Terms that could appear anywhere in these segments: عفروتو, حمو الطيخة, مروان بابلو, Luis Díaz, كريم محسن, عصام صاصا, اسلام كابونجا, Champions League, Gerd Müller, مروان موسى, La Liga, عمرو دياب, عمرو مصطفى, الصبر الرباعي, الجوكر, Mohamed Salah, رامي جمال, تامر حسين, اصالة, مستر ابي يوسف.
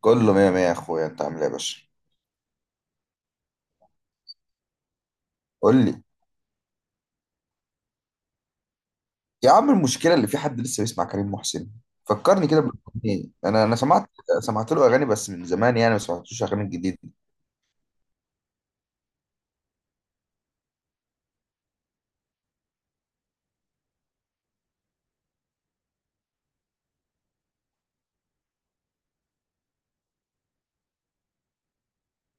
كله مية مية يا اخويا، انت عامل ايه يا باشا؟ قول لي. يا عم المشكله اللي في، حد لسه بيسمع كريم محسن؟ فكرني كده بالاغنيه. انا سمعت له اغاني بس من زمان، يعني ما سمعتوش اغاني جديده.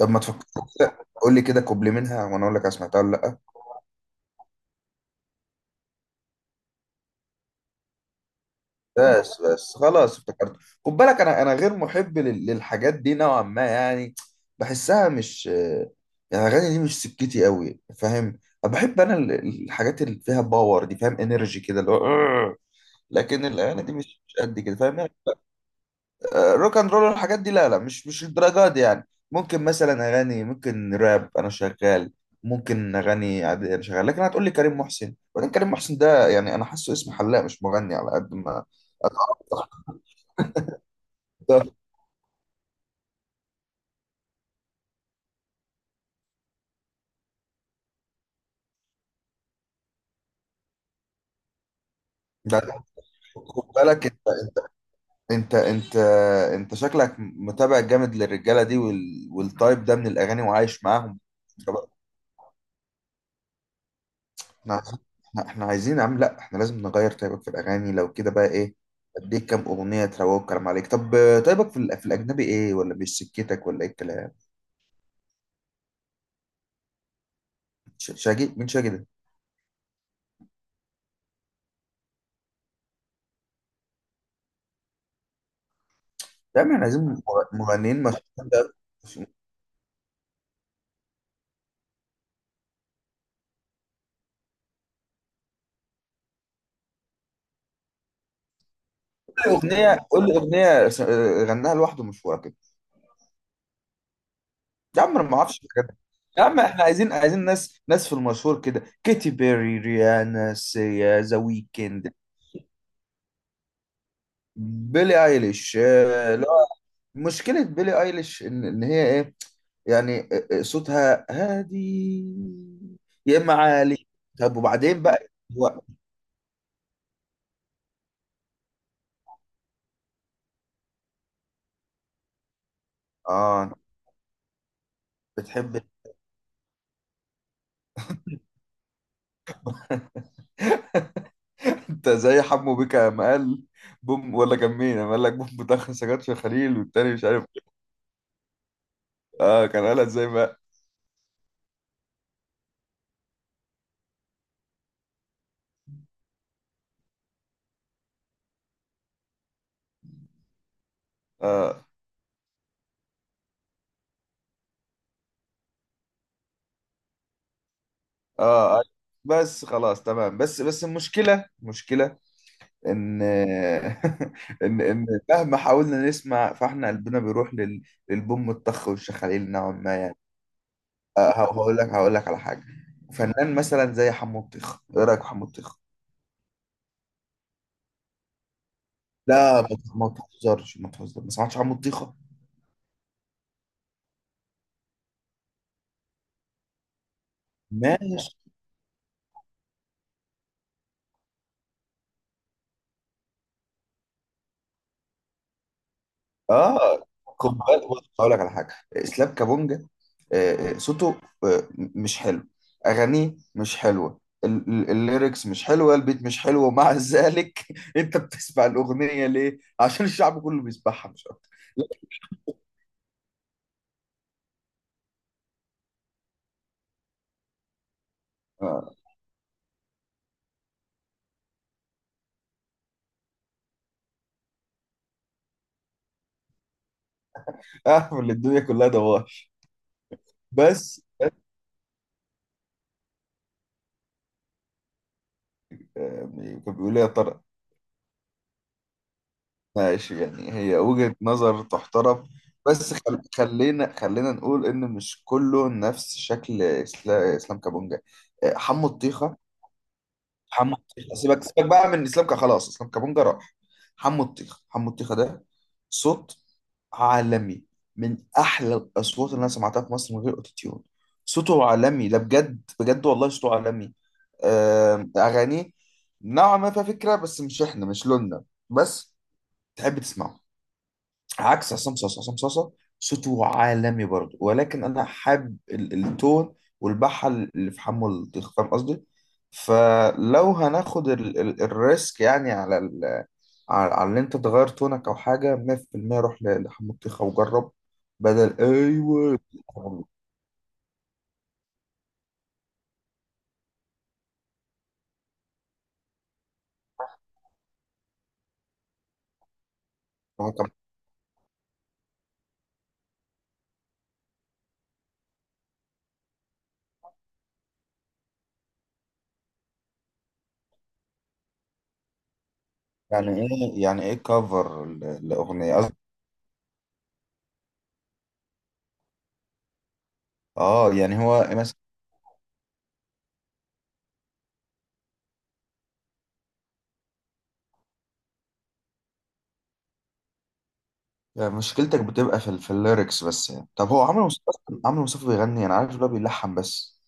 طب ما تفكر كده، قول لي كده كوبلي منها وانا اقول لك انا سمعتها ولا لا. بس بس خلاص، افتكرت. خد بالك، انا غير محب للحاجات دي نوعا ما يعني. بحسها، مش يعني الاغاني دي مش سكتي قوي، فاهم؟ بحب انا الحاجات اللي فيها باور دي، فاهم؟ انرجي كده، اللي هو. لكن الاغاني دي مش قد كده، فاهم يعني. روك اند رول والحاجات دي لا لا، مش الدرجات دي، يعني ممكن مثلا اغاني، ممكن راب انا شغال، ممكن اغاني عادي انا شغال. لكن هتقول لي كريم محسن؟ وبعدين كريم محسن ده، يعني انا حاسه اسم حلاق مش مغني على قد ما. ده ده خد بالك. انت انت انت شكلك متابع جامد للرجاله دي، والتايب ده من الاغاني وعايش معاهم. احنا احنا عايزين، عم لا احنا لازم نغير طيبك في الاغاني، لو كده بقى ايه؟ اديك كام اغنيه تروق الكلام عليك؟ طب طيبك في الاجنبي ايه؟ ولا مش سكتك؟ ولا ايه الكلام؟ شاجي؟ مين شاجي ده؟ يا عم احنا عايزين مغنيين مش، قول لي. اغنيه، قول لي اغنيه غناها لوحده، مشهوره كده. يا عم انا ما اعرفش الحاجات دي. يا عم احنا عايزين ناس، ناس في المشهور كده: كيتي بيري، ريانا، سيا، ذا ويكند. بيلي ايليش؟ آه، لا. مشكله بيلي ايليش إن هي ايه يعني، صوتها هادي يا اما عالي. طب وبعدين بقى؟ هو اه، بتحب؟ انت زي حمو بيكا لما قال بوم، ولا كان مين لما قال لك بوم بتاخر سجاد في الخليل والتاني مش عارف؟ اه كان قالها ازاي بقى؟ اه. اه. آه. بس خلاص تمام. بس بس المشكله، مشكله ان ان ان مهما حاولنا نسمع، فاحنا قلبنا بيروح للبوم الطخ والشخاليل نوعا ما يعني. هقول لك على حاجه. فنان مثلا زي حمو الطيخه، ايه رايك في حمو الطيخه؟ لا ما تهزرش، ما تهزرش، ما سمعتش حمو الطيخه؟ ماشي. اه، خد بالك، بص، هقول لك على حاجه. اسلام كابونجا، صوته مش حلو، اغانيه مش حلوه، الليركس مش حلوه، البيت مش حلو، ومع ذلك انت بتسمع الاغنيه ليه؟ عشان الشعب كله بيسمعها، مش اكتر. لا، اه، اعرف ان الدنيا كلها دواش. بس آه، كان بيقول لي يا ترى. ماشي يعني، هي وجهة نظر تحترم. بس خلينا نقول ان مش كله نفس شكل اسلام كابونجا حمو الطيخة. حمو الطيخة سيبك سيبك بقى من اسلام خلاص، اسلام كابونجا راح. حمو الطيخة، حمو الطيخة ده صوت عالمي، من احلى الاصوات اللي انا سمعتها في مصر من غير اوتوتيون. صوته عالمي ده، بجد بجد والله صوته عالمي. اغانيه نوعا ما فيها فكرة، بس مش احنا، مش لوننا، بس تحب تسمعه. عكس عصام صاصا. عصام صاصا صوته عالمي برضه، ولكن انا حابب التون والبحه اللي في حمو الطيخ، فاهم قصدي؟ فلو هناخد ال ال الريسك يعني، على على ان انت تغير تونك او حاجه، 100% روح لحمو الطيخ وجرب، بدل ايوه. هو كان- يعني ايه، يعني ايه كفر الاغنيه، قصدي، اه، يعني هو مثلا؟ مشكلتك بتبقى في في الليركس بس يعني؟ طب هو عمرو مصطفى، عمرو مصطفى بيغني؟ انا عارف اللي هو بيلحن بس.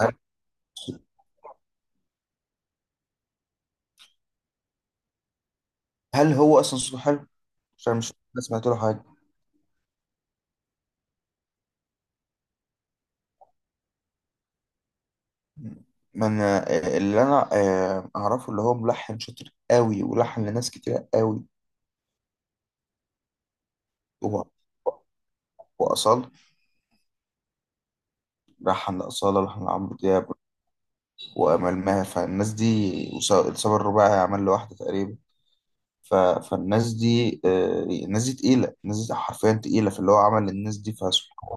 هل هل هو اصلا صوته حلو؟ عشان مش، أنا سمعت له حاجه؟ ما انا، اللي انا اعرفه اللي هو ملحن شاطر قوي ولحن لناس كتير قوي، هو. واصال؟ لحن لاصاله، لحن لعمرو دياب وامال ماهر. فالناس دي، الصبر الرباعي عمل له واحده تقريبا. فالناس دي الناس دي تقيله، الناس دي حرفيا تقيله في اللي هو عمل للناس دي، فسبحان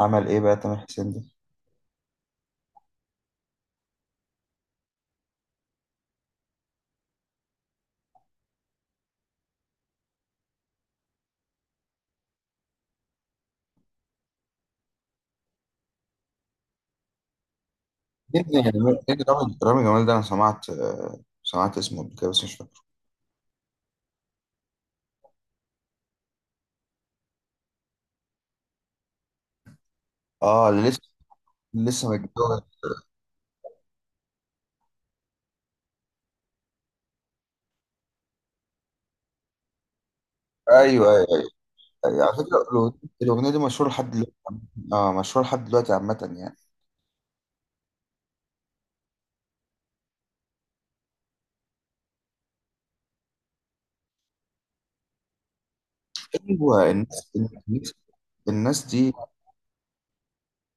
الله. عمل ايه بقى تامر حسين ده يعني؟ رامي جمال ده، انا سمعت، سمعت اسمه قبل كده بس مش فاكره. اه اللي، لسه متجوز. ايوه، ايوه، أيوة. على فكره، الأغنية دي مشهوره لحد دلوقتي. اه مشهوره لحد دلوقتي عامه يعني. ايوه، الناس دي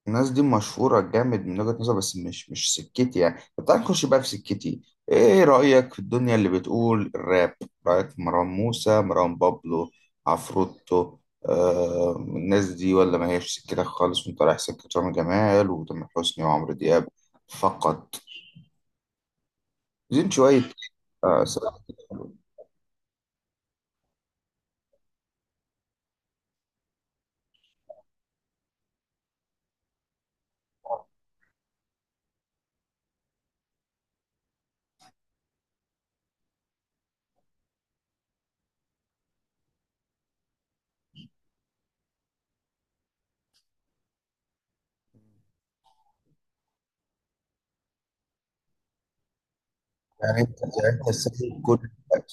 الناس دي مشهوره جامد من وجهه نظر، بس مش سكتي يعني. طب تعالى نخش بقى في سكتي. ايه رايك في الدنيا اللي بتقول الراب؟ رايك في مروان موسى، مروان بابلو، عفروتو؟ آه الناس دي ولا ما هيش سكتك خالص، وانت رايح سكه رامي جمال وتامر حسني وعمرو دياب؟ فقط، زين شويه، آه، يعني انت، يعني انت سايب كل،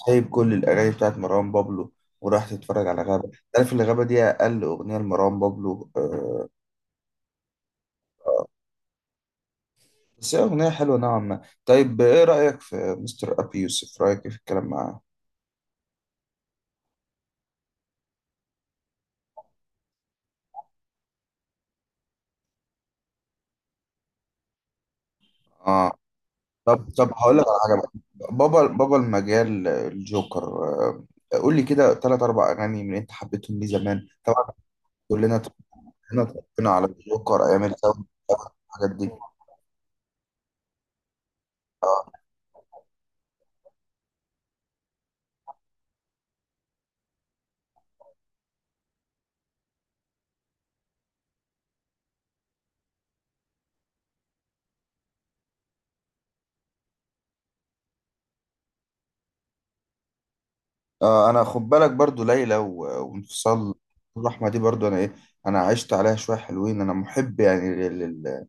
سايب كل الاغاني بتاعت مروان بابلو وراح تتفرج على غابه؟ تعرف ان غابه دي اقل اغنيه لمروان بابلو؟ بس هي اغنيه حلوه نوعا ما. طيب ايه رايك في مستر ابي يوسف؟ رايك إيه في الكلام معاه؟ اه. طب هقول لك على حاجه بقى. بابا المجال، الجوكر. قول لي كده ثلاث اربع اغاني من اللي انت حبيتهم ليه زمان طبعا. كلنا كلنا اتربينا على الجوكر ايام الثوره والحاجات دي. آه، انا خد بالك برضو ليلى وانفصال، الرحمه دي برضو انا ايه، انا عشت عليها شويه حلوين. انا محب يعني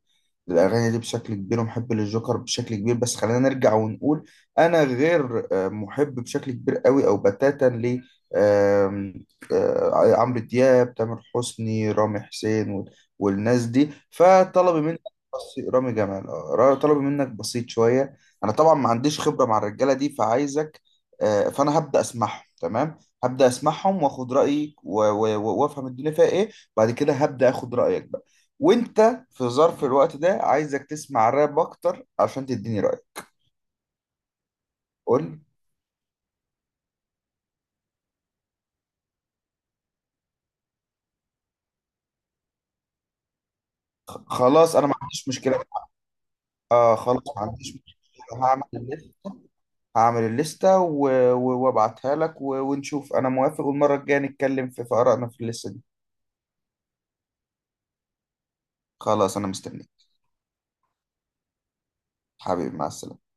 الأغاني دي بشكل كبير، ومحب للجوكر بشكل كبير. بس خلينا نرجع ونقول، أنا غير محب بشكل كبير قوي أو بتاتا ل، آم، آه، عمرو دياب، تامر حسني، رامي حسين والناس دي. فطلبي منك بسيط. رامي جمال، طلبي منك بسيط شوية. أنا طبعا ما عنديش خبرة مع الرجالة دي، فعايزك، فأنا هبدأ أسمعهم تمام، هبدأ أسمعهم وآخد رأيك، وأفهم الدنيا فيها إيه. بعد كده هبدأ آخد رأيك بقى. وأنت في ظرف الوقت ده، عايزك تسمع راب اكتر عشان تديني رأيك. قول لي. خلاص انا ما عنديش مشكلة. اه خلاص، ما عنديش مشكلة. هعمل الليستة هعمل الليستة وابعتها لك، ونشوف انا موافق، والمرة الجاية نتكلم في آرائنا في الليستة دي. خلاص انا مستنيك. حبيبي، مع السلامة.